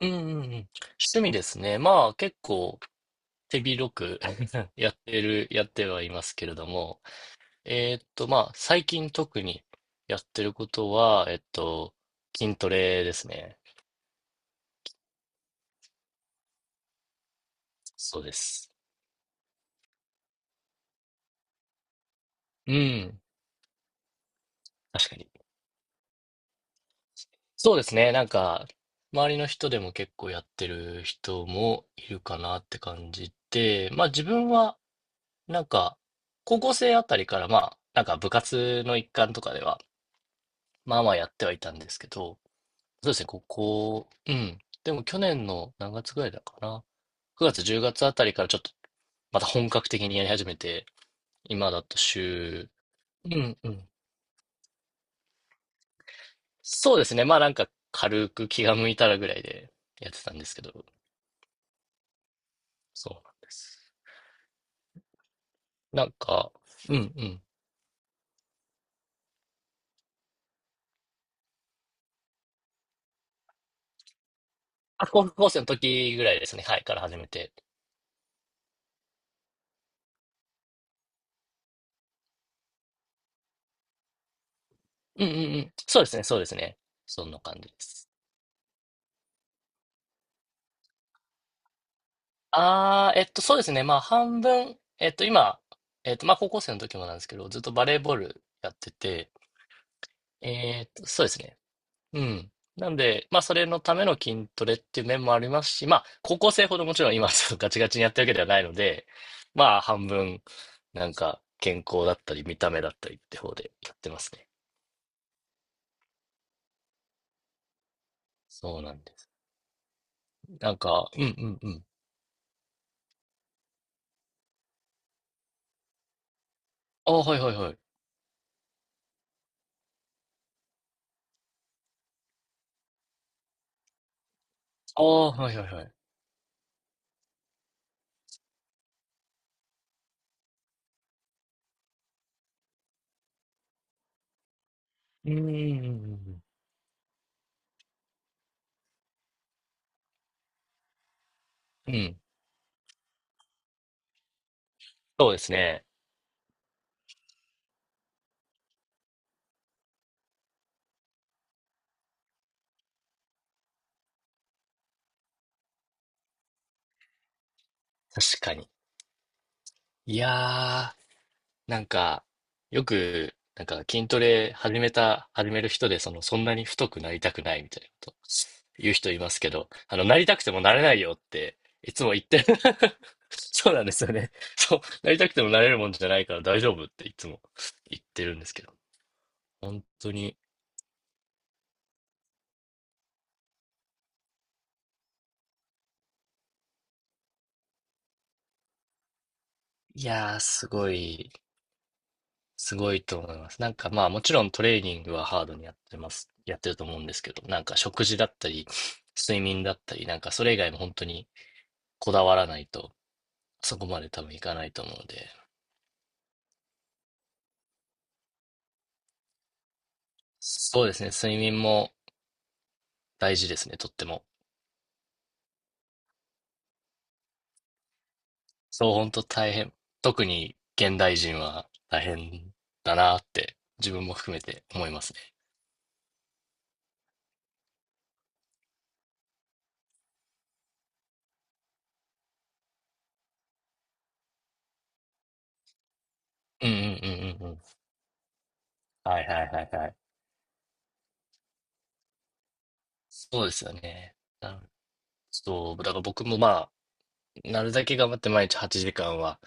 うんうんうん。趣味ですね。まあ結構手広く やってる、やってはいますけれども、まあ最近特にやってることは、筋トレですね。そうです。うん、確かに。そうですね。なんか、周りの人でも結構やってる人もいるかなって感じで、まあ自分はなんか、高校生あたりからまあ、なんか部活の一環とかでは、まあまあやってはいたんですけど、そうですね、ここ、うん。でも去年の何月ぐらいだかな。9月、10月あたりからちょっとまた本格的にやり始めて、今だと週、うんうん。そうですね、まあなんか軽く気が向いたらぐらいでやってたんですけど、そうなんです。なんか、うんうん。あ、高校生の時ぐらいですね、はい、から始めて。うんうんうん。そうですね、そうですね。そんな感じです。ああ、そうですね。まあ、半分、今、まあ、高校生の時もなんですけど、ずっとバレーボールやってて、そうですね。うん。なんで、まあ、それのための筋トレっていう面もありますし、まあ、高校生ほどもちろん今、そう ガチガチにやってるわけではないので、まあ、半分、なんか、健康だったり、見た目だったりって方でやってますね。そうなんです。なんか、うんうんうん。ああ、はいはいはい。ああ、はいはいはい。うんうんうんうんうん。うん、そうですね。確かに。いやー、なんか、よく、なんか筋トレ始める人で、その、そんなに太くなりたくないみたいなこと言う人いますけど、あの、なりたくてもなれないよって、いつも言って そうなんですよね。そう、なりたくてもなれるもんじゃないから大丈夫っていつも言ってるんですけど、本当に、いやー、すごい、すごいと思います。なんかまあ、もちろんトレーニングはハードにやってると思うんですけど、なんか食事だったり、睡眠だったり、なんかそれ以外も本当に、こだわらないと、そこまで多分いかないと思うので。そうですね、睡眠も大事ですね、とっても。そう、本当大変。特に現代人は大変だなって、自分も含めて思いますね。うんうんうんうんうん。はいはいはいはい。そうですよね。そう、だから僕もまあ、なるだけ頑張って毎日8時間は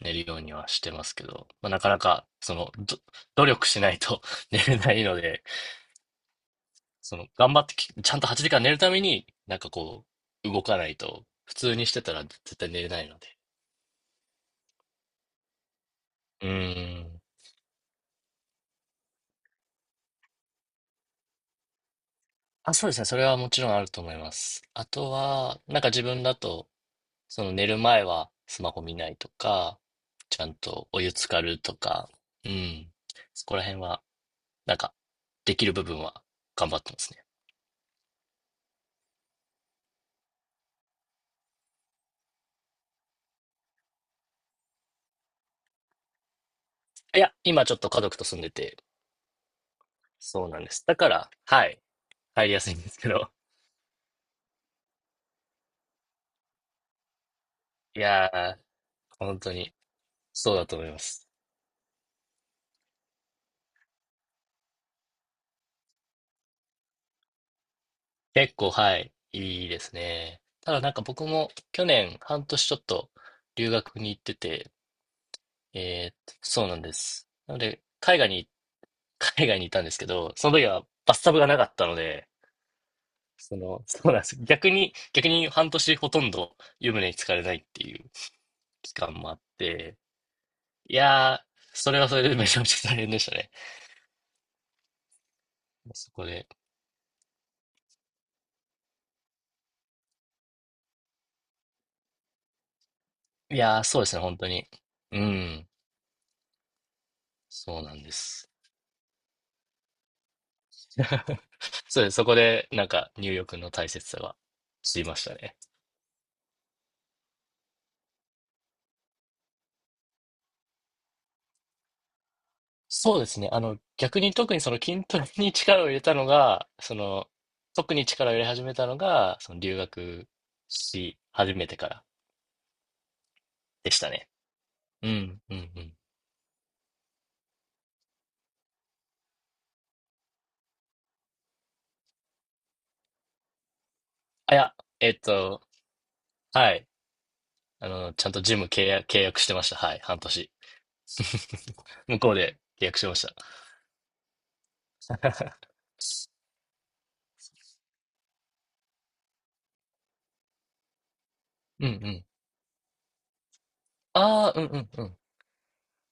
寝るようにはしてますけど、まあ、なかなか、その、努力しないと 寝れないので、その、頑張ってき、ちゃんと8時間寝るために、なんかこう、動かないと、普通にしてたら絶対寝れないので。うーん。あ、そうですね。それはもちろんあると思います。あとは、なんか自分だと、その寝る前はスマホ見ないとか、ちゃんとお湯浸かるとか、うん。そこら辺は、なんか、できる部分は頑張ってますね。いや、今ちょっと家族と住んでて、そうなんです。だから、はい、入りやすいんですけど。いやー、本当に、そうだと思います。結構、はい、いいですね。ただなんか僕も去年半年ちょっと留学に行ってて、そうなんです。なので、海外に、海外にいたんですけど、その時はバスタブがなかったので、その、そうなんです。逆に半年ほとんど湯船に浸かれないっていう期間もあって、いやー、それはそれでめちゃめちゃ大変でしたね。そこで。いやー、そうですね、本当に。うん、そうなんです。そうです。そこで、なんか、入浴の大切さが知りましたね。そうですね。あの、逆に特にその筋トレに力を入れたのが、その、特に力を入れ始めたのが、その留学し始めてからでしたね。うん、うん、うん。あ、いや、えっと、はい。あの、ちゃんとジム契約、契約してました。はい、半年。向こうで契約しました。うん、うん。ああ、うん、うん、うん。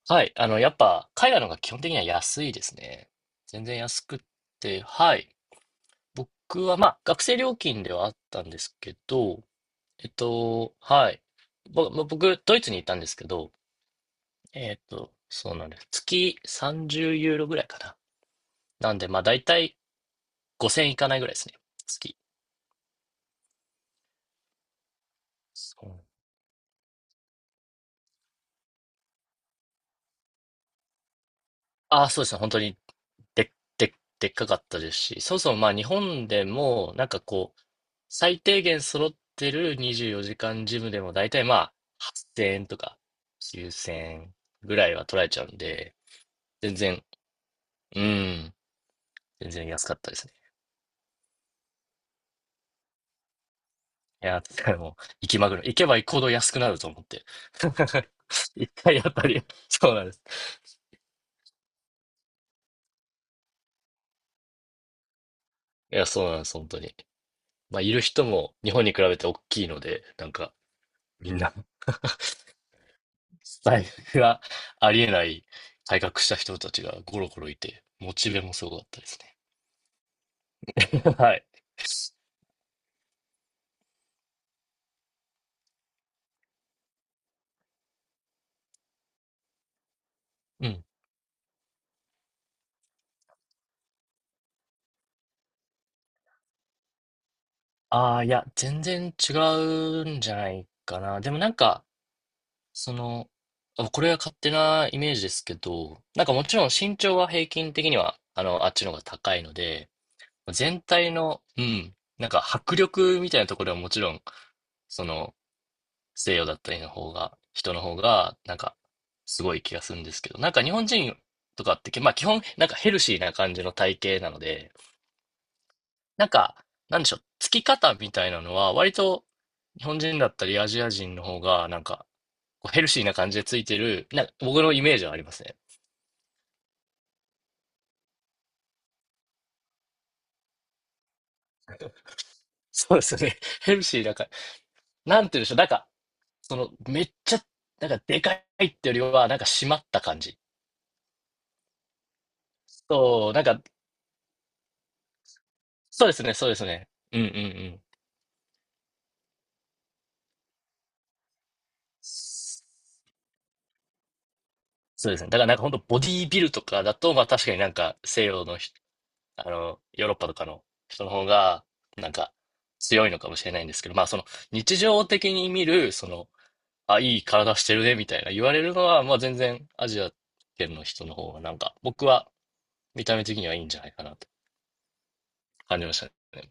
はい。あの、やっぱ、海外の方が基本的には安いですね。全然安くって、はい。僕は、まあ、学生料金ではあったんですけど、はい。僕、ドイツにいたんですけど、そうなんです。月30ユーロぐらいかな。なんで、まあ、だいたい5000いかないぐらいですね。月。そう、ああ、そうですね。本当にで、で、でっかかったですし、そもそもまあ、日本でも、なんかこう、最低限揃ってる24時間ジムでも大体まあ8000円とか9000円ぐらいは取られちゃうんで、全然、うん、全然安かったですね。いや、だからもう、行きまぐる。行けば行くほど安くなると思って。一回あたり、そうなんです。いや、そうなんです、本当に。まあ、いる人も日本に比べて大きいので、なんか、みんな、財布がありえない改革した人たちがゴロゴロいて、モチベもすごかったですね。はい。うん、ああ、いや、全然違うんじゃないかな。でもなんか、その、あ、これは勝手なイメージですけど、なんかもちろん身長は平均的には、あの、あっちの方が高いので、全体の、なんか迫力みたいなところはもちろん、その、西洋だったりの方が、人の方が、なんか、すごい気がするんですけど、なんか日本人とかって、まあ基本、なんかヘルシーな感じの体型なので、なんか、なんでしょう、つき方みたいなのは、割と日本人だったりアジア人の方が、なんか、こうヘルシーな感じでついてる、なんか僕のイメージはありますね。そうですね。ヘルシーだから、なんて言うんでしょう、なんか、その、めっちゃ、なんか、でかいってよりは、なんか、締まった感じ。そう、なんか、そうですね、そうですね。うんうんうん。そうですね。だからなんか本当ボディービルとかだと、まあ確かになんか西洋の人、あの、ヨーロッパとかの人の方が、なんか、強いのかもしれないんですけど、まあ、その、日常的に見る、その、あ、いい体してるね、みたいな言われるのは、まあ、全然、アジア圏の人の方が、なんか、僕は、見た目的にはいいんじゃないかなと感じましたね。